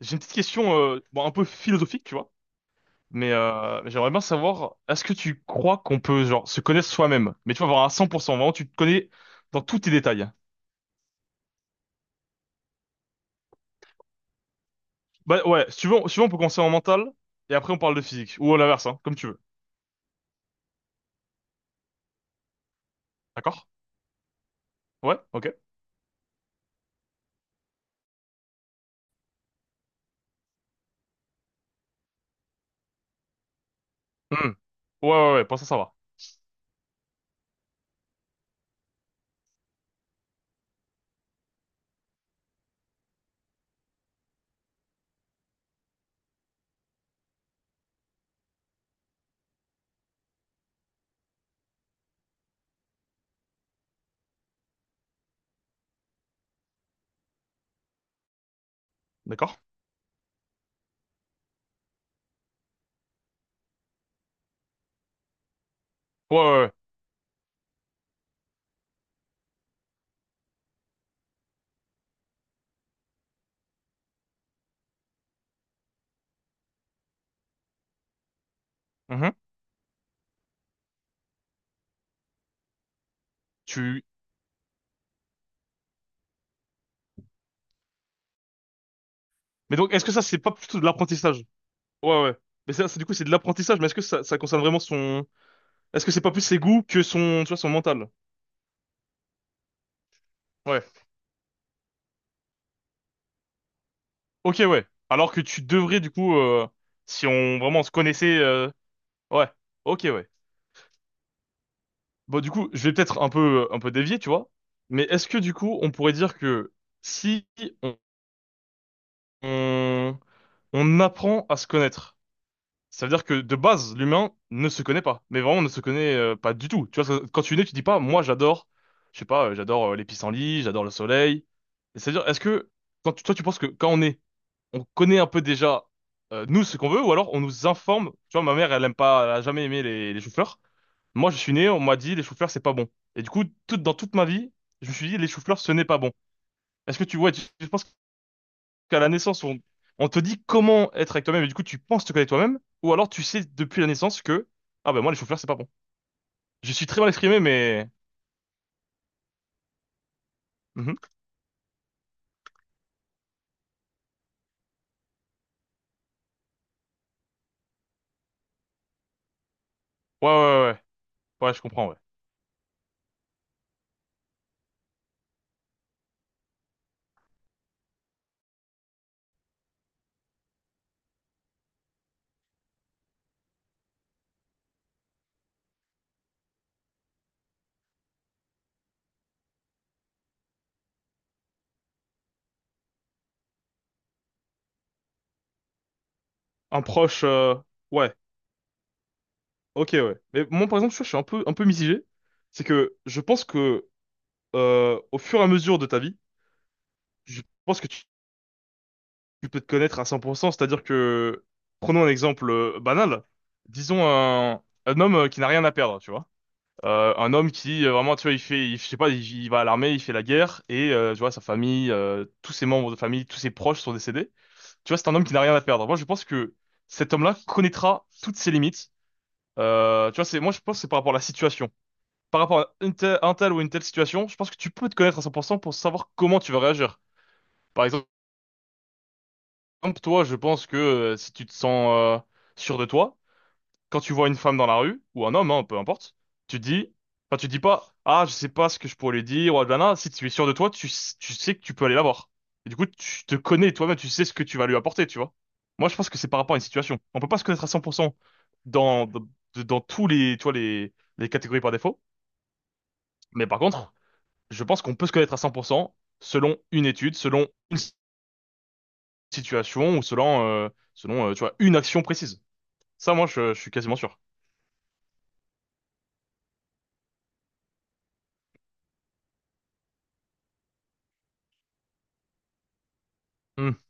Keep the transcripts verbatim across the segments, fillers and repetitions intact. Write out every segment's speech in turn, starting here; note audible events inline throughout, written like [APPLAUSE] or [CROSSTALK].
J'ai une petite question, euh, bon, un peu philosophique, tu vois, mais euh, j'aimerais bien savoir, est-ce que tu crois qu'on peut, genre, se connaître soi-même? Mais tu vas voir à cent pour cent, vraiment, tu te connais dans tous tes détails. Bah ouais, si tu veux, on, si tu veux, on peut commencer en mental, et après on parle de physique, ou à l'inverse, hein, comme tu veux. D'accord? Ouais? Ok. Hmm. Ouais, ouais, ouais, pour ça, ça va. D'accord? Ouais, ouais, ouais. Mhm. Tu... Mais donc, est-ce que ça, c'est pas plutôt de l'apprentissage? Ouais, ouais. Mais ça, c'est du coup, c'est de l'apprentissage, mais est-ce que ça, ça concerne vraiment son... Est-ce que c'est pas plus ses goûts que son, tu vois, son mental? Ouais. Ok, ouais. Alors que tu devrais, du coup, euh, si on vraiment se connaissait, euh, ouais. Ok, ouais. Bon, du coup, je vais peut-être un peu, euh, un peu dévier, tu vois. Mais est-ce que, du coup, on pourrait dire que si on, on, on apprend à se connaître, ça veut dire que de base, l'humain ne se connaît pas. Mais vraiment, ne se connaît euh, pas du tout. Tu vois, quand tu es né, tu dis pas, moi, j'adore, je sais pas, euh, j'adore euh, les pissenlits, j'adore le soleil. Et c'est-à-dire, est-ce que, quand tu- toi, tu penses que quand on est on connaît un peu déjà euh, nous ce qu'on veut, ou alors on nous informe. Tu vois, ma mère, elle aime pas, elle a jamais aimé les, les choux-fleurs. Moi, je suis né, on m'a dit les choux-fleurs, c'est pas bon. Et du coup, toute dans toute ma vie, je me suis dit les choux-fleurs, ce n'est pas bon. Est-ce que tu vois, tu- je pense qu'à la naissance, on, on te dit comment être avec toi-même, et du coup, tu penses te connaître toi-même, ou alors tu sais depuis la naissance que ah ben moi les choux-fleurs, c'est pas bon. Je suis très mal exprimé, mais... Mhm. Ouais, ouais, ouais, ouais, ouais, je comprends, ouais. Un proche, euh, ouais, ok, ouais. Mais moi, par exemple, je suis un peu, un peu mitigé. C'est que je pense que euh, au fur et à mesure de ta vie, je pense que tu, tu peux te connaître à cent pour cent, c'est-à-dire que, prenons un exemple euh, banal, disons un, un homme euh, qui n'a rien à perdre, tu vois. Euh, un homme qui, euh, vraiment, tu vois, il fait, il- je sais pas, il, il va à l'armée, il fait la guerre, et euh, tu vois, sa famille, euh, tous ses membres de famille, tous ses proches sont décédés. Tu vois, c'est un homme qui n'a rien à perdre. Moi, je pense que cet homme-là connaîtra toutes ses limites. Euh, tu vois, c'est, moi, je pense que c'est par rapport à la situation. Par rapport à une telle- un tel ou une telle situation, je pense que tu peux te connaître à cent pour cent pour cent pour savoir comment tu vas réagir. Par exemple, comme toi, je pense que euh, si tu te sens euh, sûr de toi, quand tu vois une femme dans la rue, ou un homme, hein, peu importe, tu te dis, enfin, tu te dis pas, ah, je sais pas ce que je pourrais lui dire, ou ah, blablabla. Si tu es sûr de toi, tu, s- tu sais que tu peux aller la voir. Et du coup, tu te connais toi-même, tu sais ce que tu vas lui apporter, tu vois. Moi, je pense que c'est par rapport à une situation. On peut pas se connaître à cent pour cent dans, dans, de- dans tous les, tu vois, les, les catégories par défaut. Mais par contre, je pense qu'on peut se connaître à cent pour cent selon une étude, selon une s- situation, ou selon, euh, selon, euh, tu vois, une action précise. Ça, moi, je, je suis quasiment sûr. Hmm.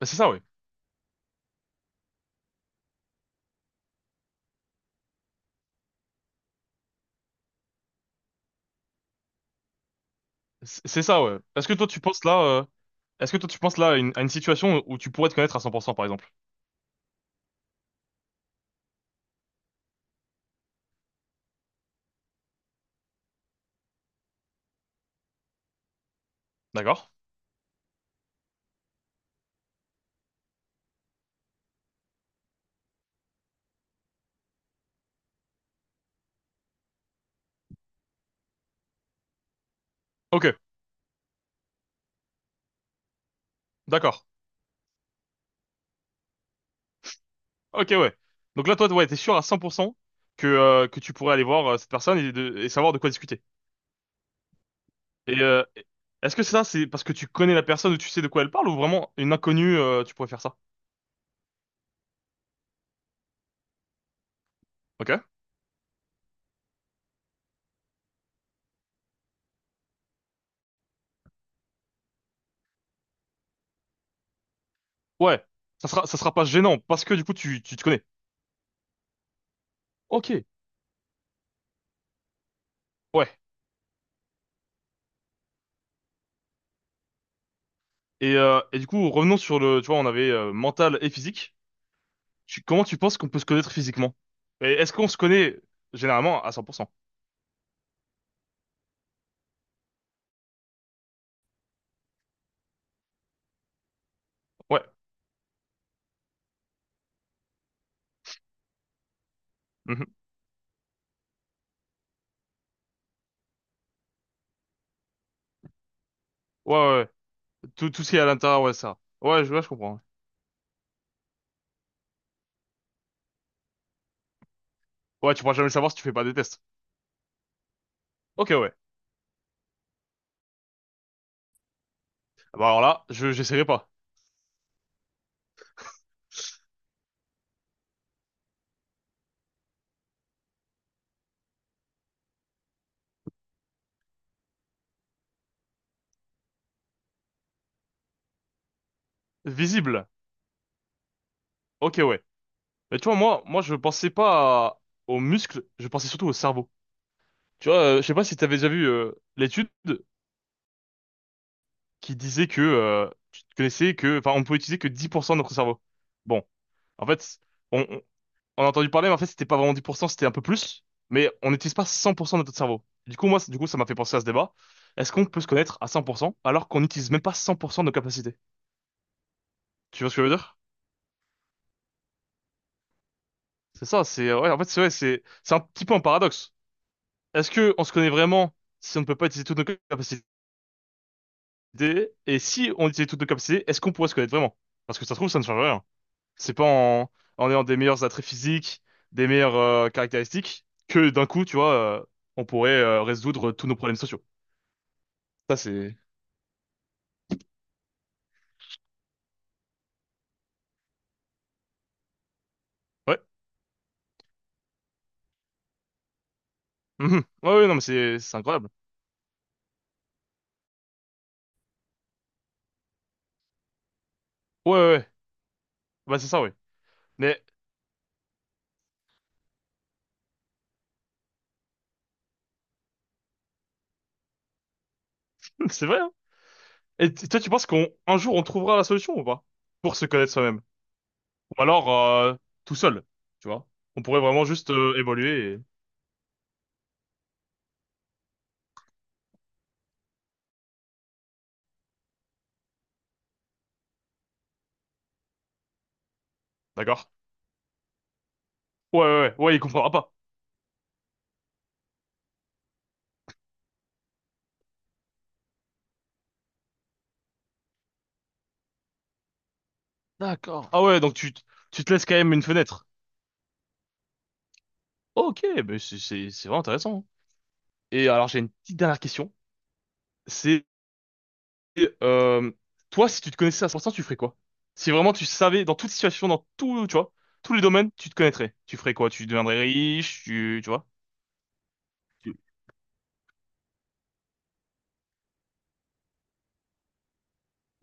Bah, c'est ça, ouais. C'est c'est ça, ouais. Est-ce que toi, tu penses là, euh, est-ce que toi, tu penses là à une, à une situation où tu pourrais te connaître à cent pour cent, par exemple? D'accord? Ok, d'accord. Ok, ouais. Donc là, toi, ouais, t'es sûr à cent pour cent que, euh, que tu pourrais aller voir euh, cette personne et, de, et savoir de quoi discuter. Et euh, est-ce que ça, c'est parce que tu connais la personne ou tu sais de quoi elle parle ou vraiment une inconnue, euh, tu pourrais faire ça? Ok? Ouais. Ça sera, ça sera pas gênant parce que du coup, tu, tu te connais. Ok. Ouais. Et, euh, et du coup, revenons sur le, tu vois, on avait euh, mental et physique. Tu, comment tu penses qu'on peut se connaître physiquement? Et est-ce qu'on se connaît généralement à cent pour cent? Ouais. Mhm. Ouais, ouais, ouais. Tout, tout ce qui est à l'intérieur, ouais, ça. Ouais, je, ouais, je comprends. Ouais, ouais, tu pourras jamais le savoir si tu fais pas des tests. Ok, ouais. Ah bah alors là, je, j'essaierai pas. Visible. Ok, ouais. Mais tu vois, moi, moi, je pensais pas à- aux muscles, je pensais surtout au cerveau. Tu vois, euh, je sais pas si t'avais déjà vu euh, l'étude qui disait que euh, tu te connaissais que, enfin, on pouvait utiliser que dix pour cent de notre cerveau. Bon, en fait, on- on a entendu parler, mais en fait, c'était pas vraiment dix pour cent, c'était un peu plus. Mais on n'utilise pas cent pour cent de notre cerveau. Du coup, moi, c- du coup, ça m'a fait penser à ce débat. Est-ce qu'on peut se connaître à cent pour cent alors qu'on n'utilise même pas cent pour cent de nos capacités? Tu vois ce que je veux dire? C'est ça, c'est, ouais, en fait, c'est vrai, c'est, c'est un petit peu un paradoxe. Est-ce que on se connaît vraiment si on ne peut pas utiliser toutes nos capacités? Et si on utilise toutes nos capacités, est-ce qu'on pourrait se connaître vraiment? Parce que ça se trouve, ça ne change rien. C'est pas en, en ayant des meilleurs attraits physiques, des meilleures euh, caractéristiques, que d'un coup, tu vois, euh, on pourrait euh, résoudre tous nos problèmes sociaux. Ça, c'est... Ouais. Mhm. Ouais, ouais, non, mais c'est c'est incroyable. Ouais, ouais, ouais. Bah, c'est ça, oui. Mais [LAUGHS] c'est vrai, hein. Et t- toi, tu penses qu'on un jour, on trouvera la solution ou pas? Pour se connaître soi-même. Ou alors, euh, tout seul, tu vois? On pourrait vraiment juste euh, évoluer et... D'accord. Ouais, ouais, ouais, ouais, il comprendra pas. D'accord. Ah ouais, donc tu, t- tu te laisses quand même une fenêtre. Ok, mais c'est c'est- c'est vraiment intéressant, hein. Et alors, j'ai une petite dernière question. C'est euh, toi, si tu te connaissais à cent pour cent, tu ferais quoi? Si vraiment tu savais, dans toute situation, dans tout, tu vois, tous les domaines, tu te connaîtrais. Tu ferais quoi? Tu deviendrais riche, tu, tu vois? Tu-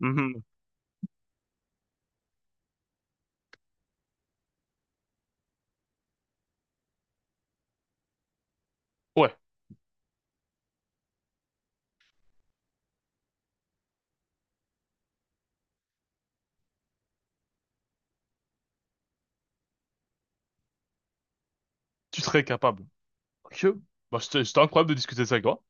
Mhm. Ouais, tu serais capable. Ok. Bah, c'était c'était incroyable de discuter de ça avec toi.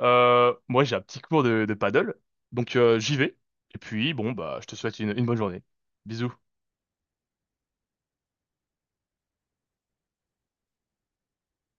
Euh, moi, j'ai un petit cours de, de paddle, donc euh, j'y vais. Et puis, bon, bah, je te souhaite une une bonne journée. Bisous.